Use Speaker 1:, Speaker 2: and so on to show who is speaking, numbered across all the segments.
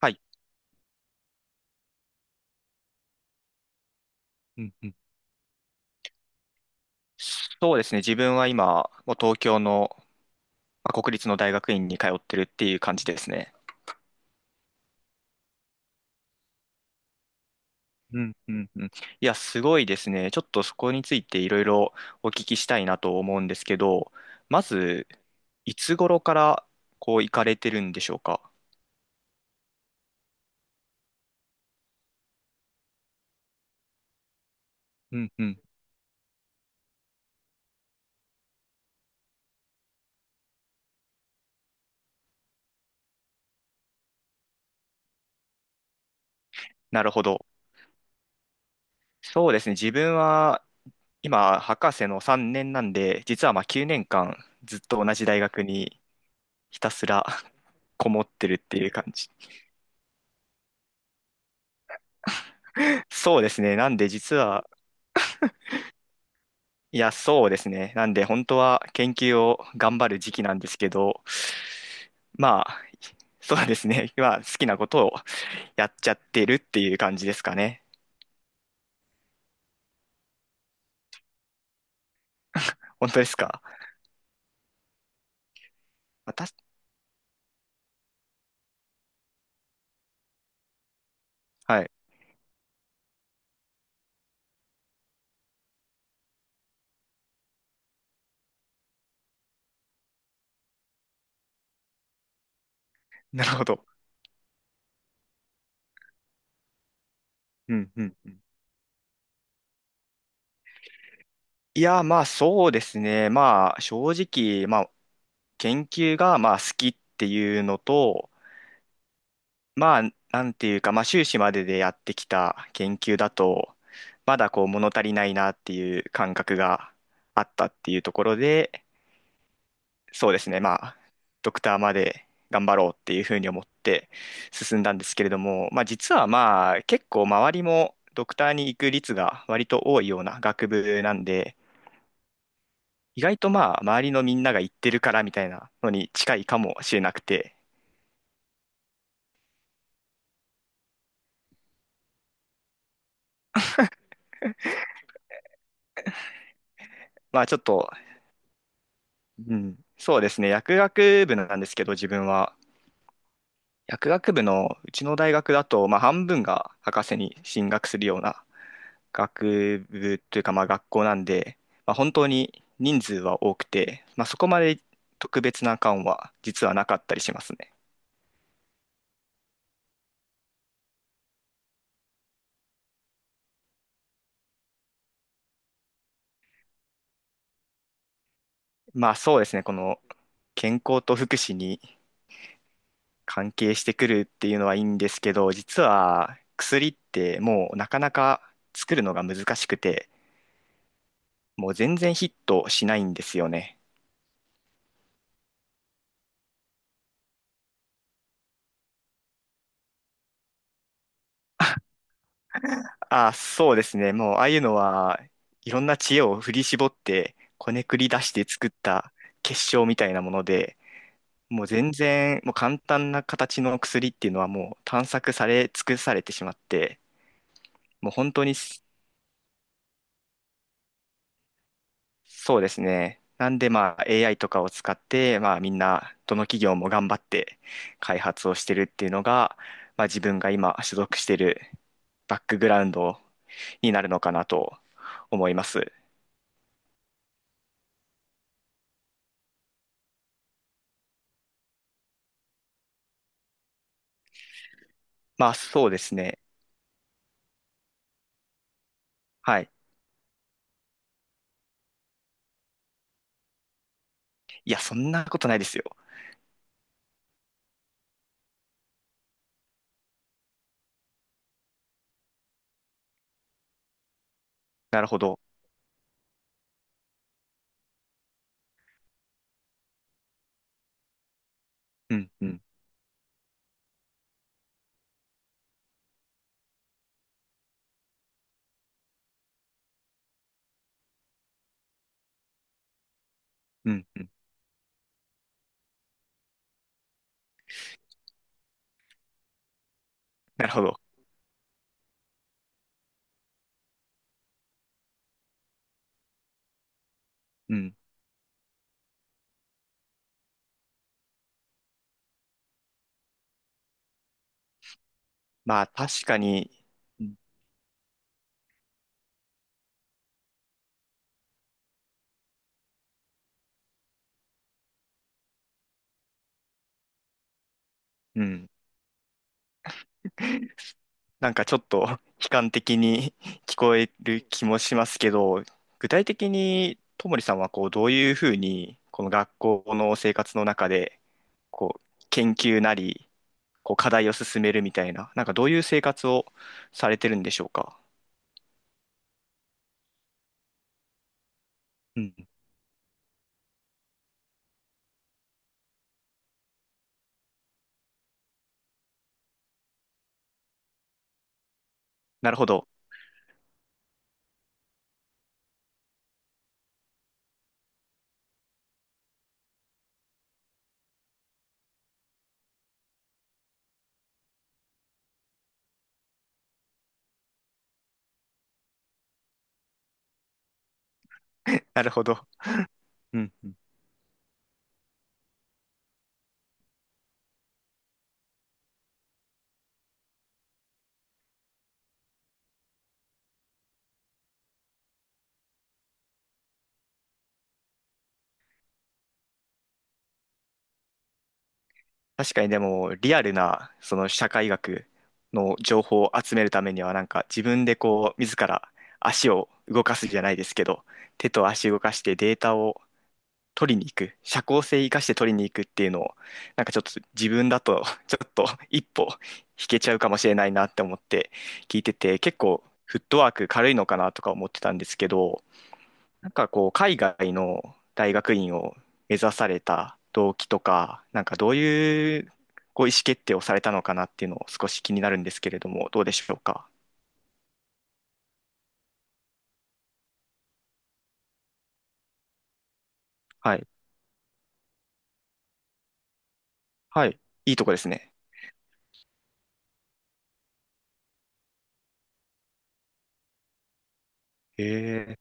Speaker 1: はい。うんうん。そうですね。自分は今、もう東京の、まあ、国立の大学院に通ってるっていう感じですね。うんうんうん。いや、すごいですね。ちょっとそこについていろいろお聞きしたいなと思うんですけど、まず、いつ頃からこう行かれてるんでしょうか。うんうん。なるほど。そうですね。自分は今、博士の3年なんで、実はまあ9年間ずっと同じ大学にひたすら こもってるっていう感じ。そうですね。なんで実は、いや、そうですね。なんで本当は研究を頑張る時期なんですけど、まあ、そうですね。まあ、好きなことをやっちゃってるっていう感じですかね。本当ですか？私、はい。なるほど。うんうんうん。いや、まあそうですね。まあ正直、まあ研究がまあ好きっていうのと、まあ、なんていうか、まあ、修士まででやってきた研究だと、まだこう物足りないなっていう感覚があったっていうところで、そうですね、まあ、ドクターまで頑張ろうっていうふうに思って進んだんですけれども、まあ、実はまあ、結構周りもドクターに行く率が割と多いような学部なんで、意外とまあ、周りのみんなが行ってるからみたいなのに近いかもしれなくて、まあ、ちょっと、うん、そうですね、薬学部なんですけど、自分は。薬学部のうちの大学だと、まあ、半分が博士に進学するような学部というか、まあ、学校なんで、まあ、本当に人数は多くて、まあ、そこまで特別な感は実はなかったりしますね。まあそうですね、この健康と福祉に関係してくるっていうのはいいんですけど、実は薬ってもうなかなか作るのが難しくて、もう全然ヒットしないんですよね。あ、そうですね。もう、ああいうのは、いろんな知恵を振り絞って、こねくり出して作った結晶みたいなもので、もう全然、もう簡単な形の薬っていうのはもう探索され尽くされてしまって、もう本当にそうですね。なんでまあ AI とかを使って、まあみんな、どの企業も頑張って開発をしてるっていうのが、まあ自分が今所属してるバックグラウンドになるのかなと思います。まあそうですね。はい。いや、そんなことないですよ。なるほど。うん、うん、うん。なるほど。うん。まあ、確かに、うん。うん。なんかちょっと 悲観的に 聞こえる気もしますけど、具体的に、ともりさんは、こう、どういうふうに、この学校の生活の中で、こう、研究なり、こう、課題を進めるみたいな、なんかどういう生活をされてるんでしょうか。うん。なるほど。なるほど。うん。確かにでも、リアルな、その社会学の情報を集めるためには、なんか自分でこう、自ら足を動かすじゃないですけど、手と足動かしてデータを取りに行く、社交性生かして取りに行くっていうのを、なんかちょっと自分だと、ちょっと一歩引けちゃうかもしれないなって思って聞いてて、結構フットワーク軽いのかなとか思ってたんですけど、なんかこう、海外の大学院を目指された動機とか、なんかどういうこう意思決定をされたのかなっていうのを少し気になるんですけれども、どうでしょうか。はい。はい。いいとこですね。ええ、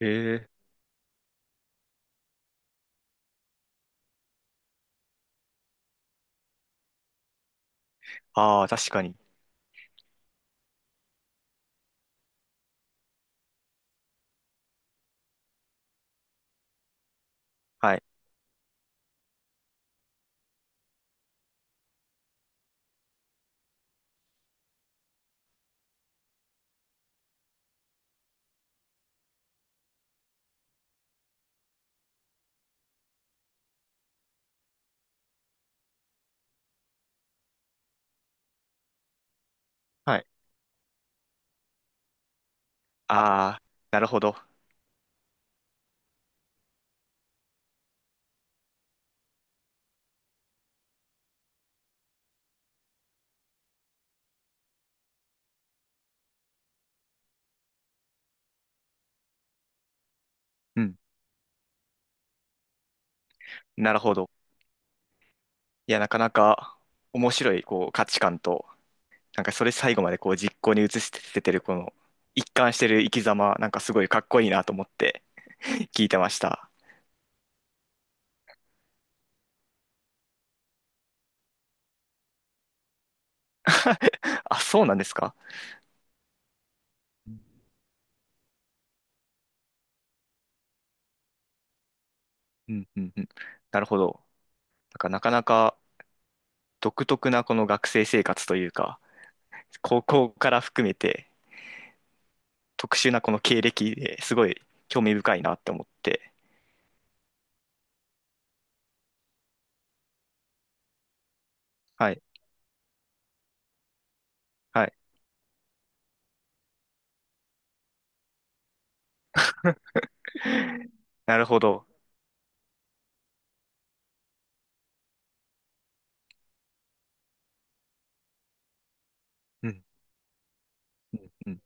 Speaker 1: えーああ、確かに。はい。はい。ああ、なるほど。うん。なるほど。いや、なかなか面白いこう価値観と、なんかそれ最後までこう実行に移しててるこの一貫してる生き様、なんかすごいかっこいいなと思って 聞いてました。あ、そうなんですか？うんうんうん。なるほど。なんかなかなか独特なこの学生生活というか、高校から含めて特殊なこの経歴ですごい興味深いなって思って。はい。はい。なるほど。うんうん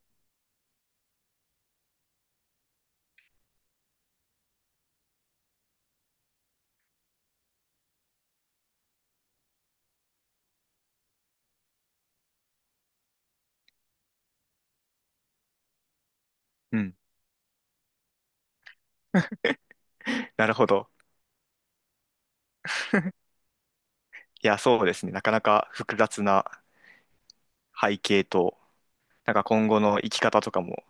Speaker 1: うん。なるほど。いや、そうですね。なかなか複雑な背景と、なんか今後の生き方とかも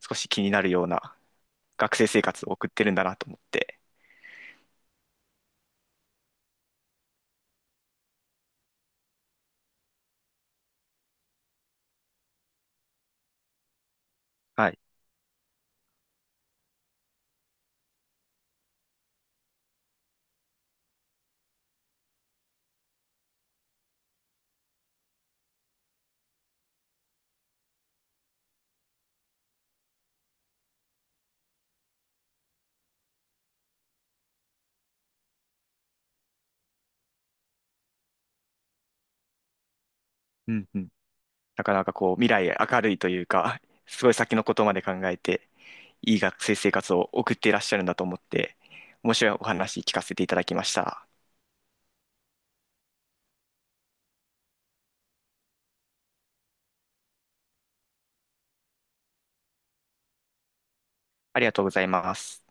Speaker 1: 少し気になるような学生生活を送ってるんだなと思って。はい。うんうん。なかなかこう、未来明るいというか、すごい先のことまで考えて、いい学生生活を送っていらっしゃるんだと思って、面白いお話聞かせていただきました。ありがとうございます。